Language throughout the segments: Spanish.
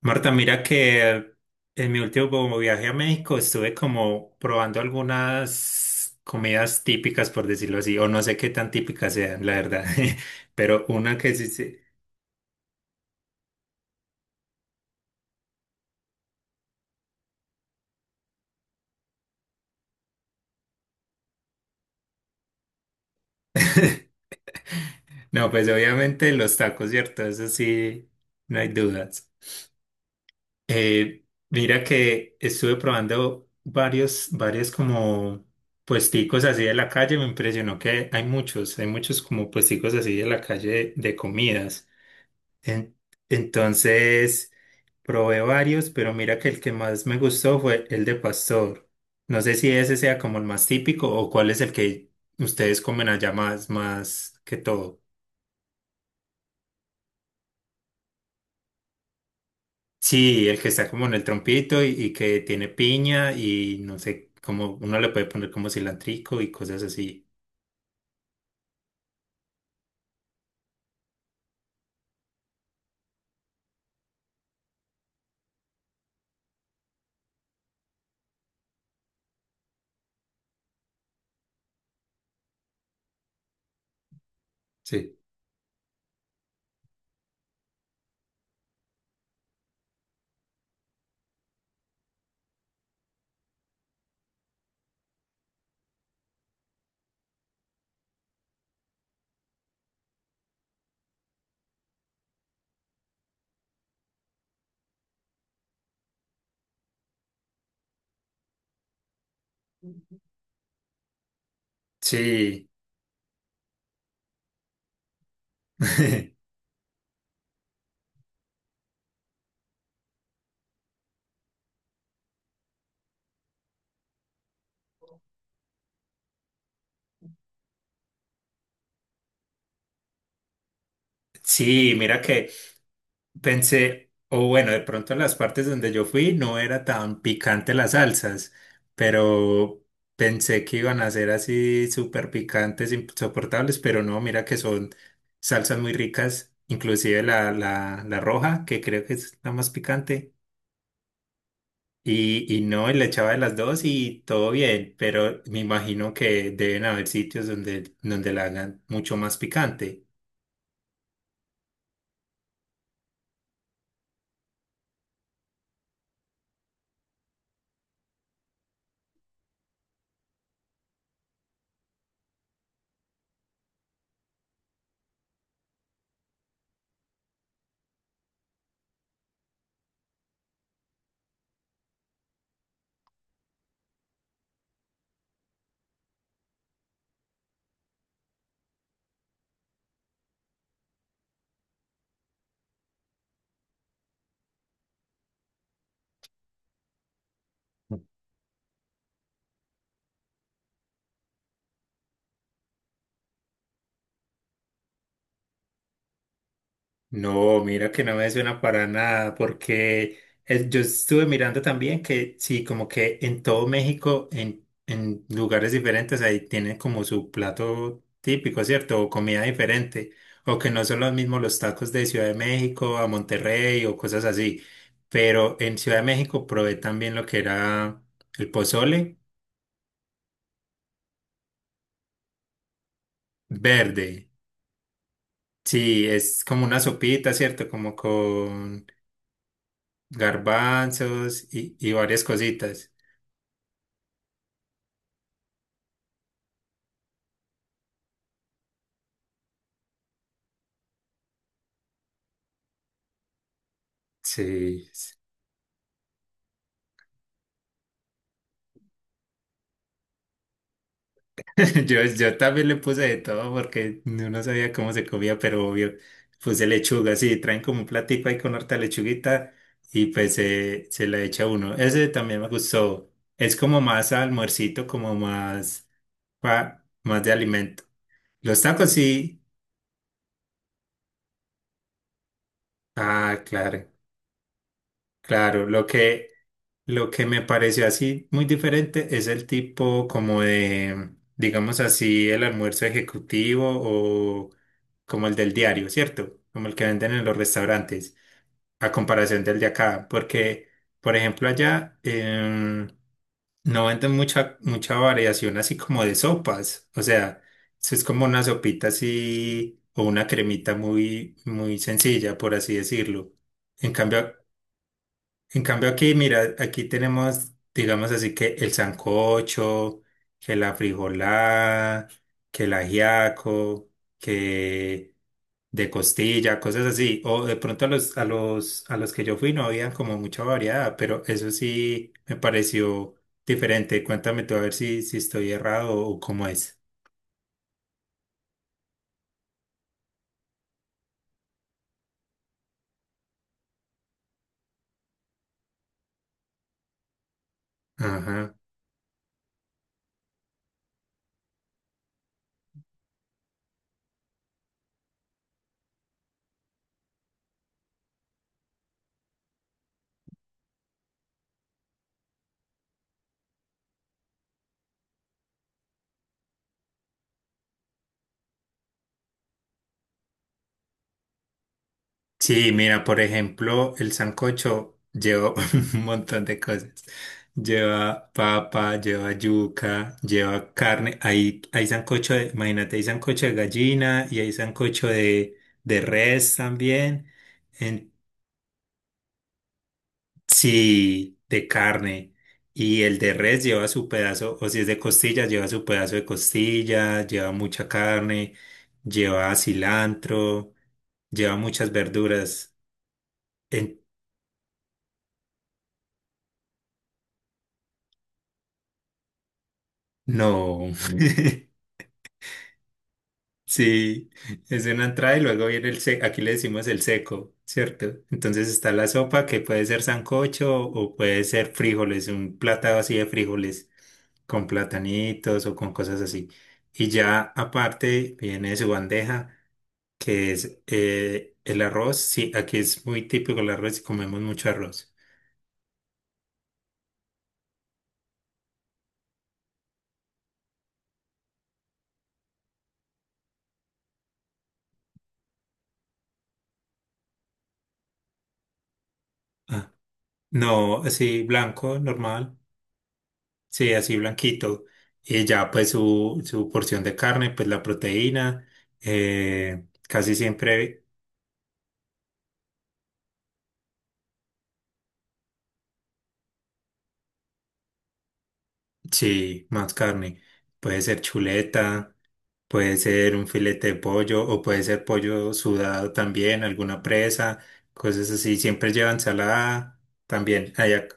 Marta, mira que en mi último viaje a México estuve como probando algunas comidas típicas, por decirlo así, o no sé qué tan típicas sean, la verdad, pero una que sí, sí. No, pues obviamente los tacos, ¿cierto? Eso sí, no hay dudas. Eh, mira que estuve probando varios como puesticos así de la calle, me impresionó que hay muchos, como puesticos así de la calle de comidas. En- entonces, probé varios, pero mira que el que más me gustó fue el de pastor. No sé si ese sea como el más típico o cuál es el que ustedes comen allá más, más que todo. Sí, el que está como en el trompito y que tiene piña y no sé, como uno le puede poner como cilantrico y cosas así. Sí. Sí. Sí, mira que pensé, o bueno, de pronto en las partes donde yo fui no era tan picante las salsas, pero pensé que iban a ser así súper picantes, insoportables, pero no, mira que son salsas muy ricas, inclusive la roja, que creo que es la más picante, y no, y le echaba de las dos y todo bien, pero me imagino que deben haber sitios donde, donde la hagan mucho más picante. No, mira que no me suena para nada, porque yo estuve mirando también que sí, como que en todo México, en lugares diferentes, ahí tienen como su plato típico, ¿cierto? O comida diferente, o que no son los mismos los tacos de Ciudad de México a Monterrey o cosas así. Pero en Ciudad de México probé también lo que era el pozole verde. Sí, es como una sopita, ¿cierto? Como con garbanzos y varias cositas. Sí, yo también le puse de todo porque no sabía cómo se comía, pero obvio, puse lechuga, sí, traen como un platico ahí con harta lechuguita y pues se la echa uno. Ese también me gustó, es como más almuercito, como más, más de alimento. Los tacos sí, ah, claro, claro, lo que... Lo que me pareció así muy diferente es el tipo como de, digamos así, el almuerzo ejecutivo o como el del diario, ¿cierto? Como el que venden en los restaurantes, a comparación del de acá, porque, por ejemplo, allá no venden mucha, mucha variación así como de sopas, o sea, eso es como una sopita así o una cremita muy, muy sencilla, por así decirlo. En cambio, aquí, mira, aquí tenemos, digamos así, que el sancocho, que la frijolada, que el ajiaco, que de costilla, cosas así. O de pronto a los, a los que yo fui no habían como mucha variedad, pero eso sí me pareció diferente. Cuéntame tú a ver si estoy errado o cómo es. Ajá. Sí, mira, por ejemplo, el sancocho lleva un montón de cosas. Lleva papa, lleva yuca, lleva carne. Hay sancocho de, imagínate, hay sancocho de gallina y hay sancocho de res también. En- sí, de carne. Y el de res lleva su pedazo, o si es de costilla, lleva su pedazo de costilla, lleva mucha carne, lleva cilantro, lleva muchas verduras. No. Sí, es una entrada y luego viene el seco, aquí le decimos el seco, ¿cierto? Entonces está la sopa que puede ser sancocho o puede ser frijoles, un platado así de frijoles con platanitos o con cosas así. Y ya aparte viene su bandeja que es el arroz. Sí, aquí es muy típico el arroz y comemos mucho arroz. Ah, no, así blanco, normal. Sí, así blanquito. Y ya pues su porción de carne, pues la proteína, casi siempre, sí, más carne. Puede ser chuleta, puede ser un filete de pollo o puede ser pollo sudado también, alguna presa, cosas así. Siempre lleva ensalada también. Allá,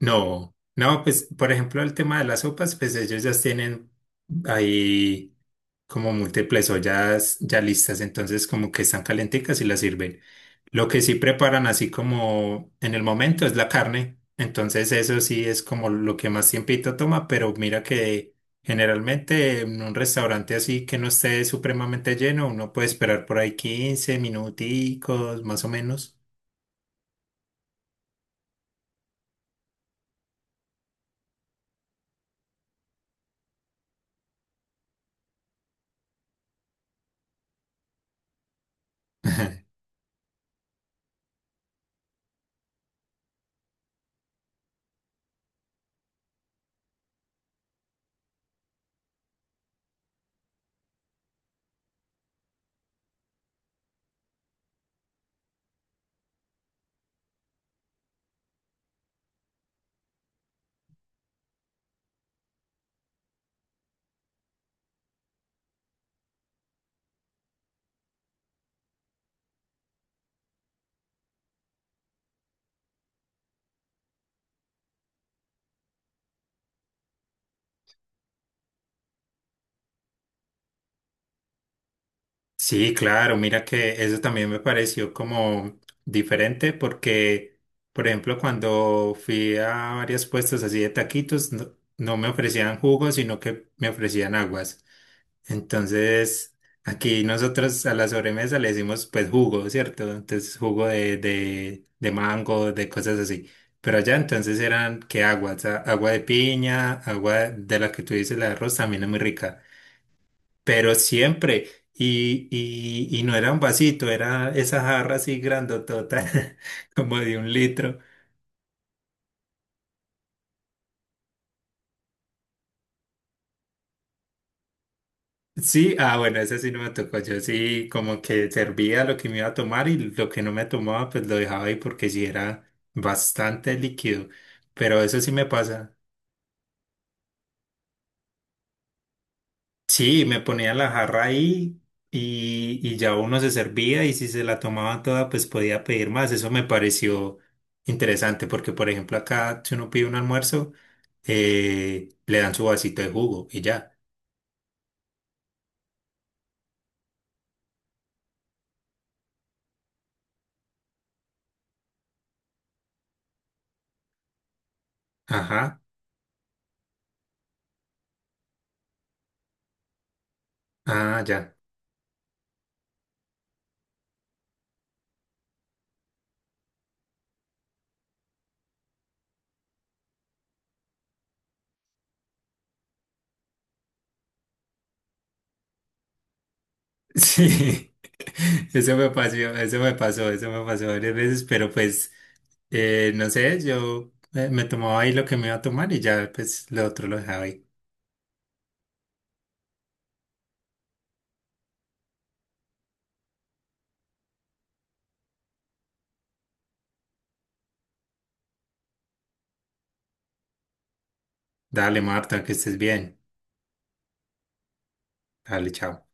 no, no, pues por ejemplo el tema de las sopas, pues ellos ya tienen ahí como múltiples ollas ya listas, entonces como que están calenticas y las sirven. Lo que sí preparan así como en el momento es la carne, entonces eso sí es como lo que más tiempito toma, pero mira que generalmente en un restaurante así que no esté supremamente lleno, uno puede esperar por ahí 15 minuticos más o menos. Sí, claro, mira que eso también me pareció como diferente porque, por ejemplo, cuando fui a varias puestas así de taquitos, no, no me ofrecían jugos, sino que me ofrecían aguas. Entonces, aquí nosotros a la sobremesa le decimos pues jugo, ¿cierto? Entonces, jugo de mango, de cosas así. Pero allá entonces eran que aguas, agua de piña, agua de la que tú dices, la de arroz, también es muy rica pero siempre. Y no era un vasito, era esa jarra así grandotota, como de un litro. Sí, ah, bueno, esa sí no me tocó. Yo sí, como que servía lo que me iba a tomar y lo que no me tomaba, pues lo dejaba ahí porque sí era bastante líquido. Pero eso sí me pasa. Sí, me ponía la jarra ahí y ya uno se servía y si se la tomaba toda, pues podía pedir más. Eso me pareció interesante porque, por ejemplo, acá si uno pide un almuerzo, le dan su vasito de jugo y ya. Ajá, ah, ya. Sí, eso me pasó, eso me pasó, eso me pasó varias veces, pero pues, no sé, yo me tomaba ahí lo que me iba a tomar y ya, pues, lo otro lo dejaba ahí. Dale, Marta, que estés bien. Dale, chao.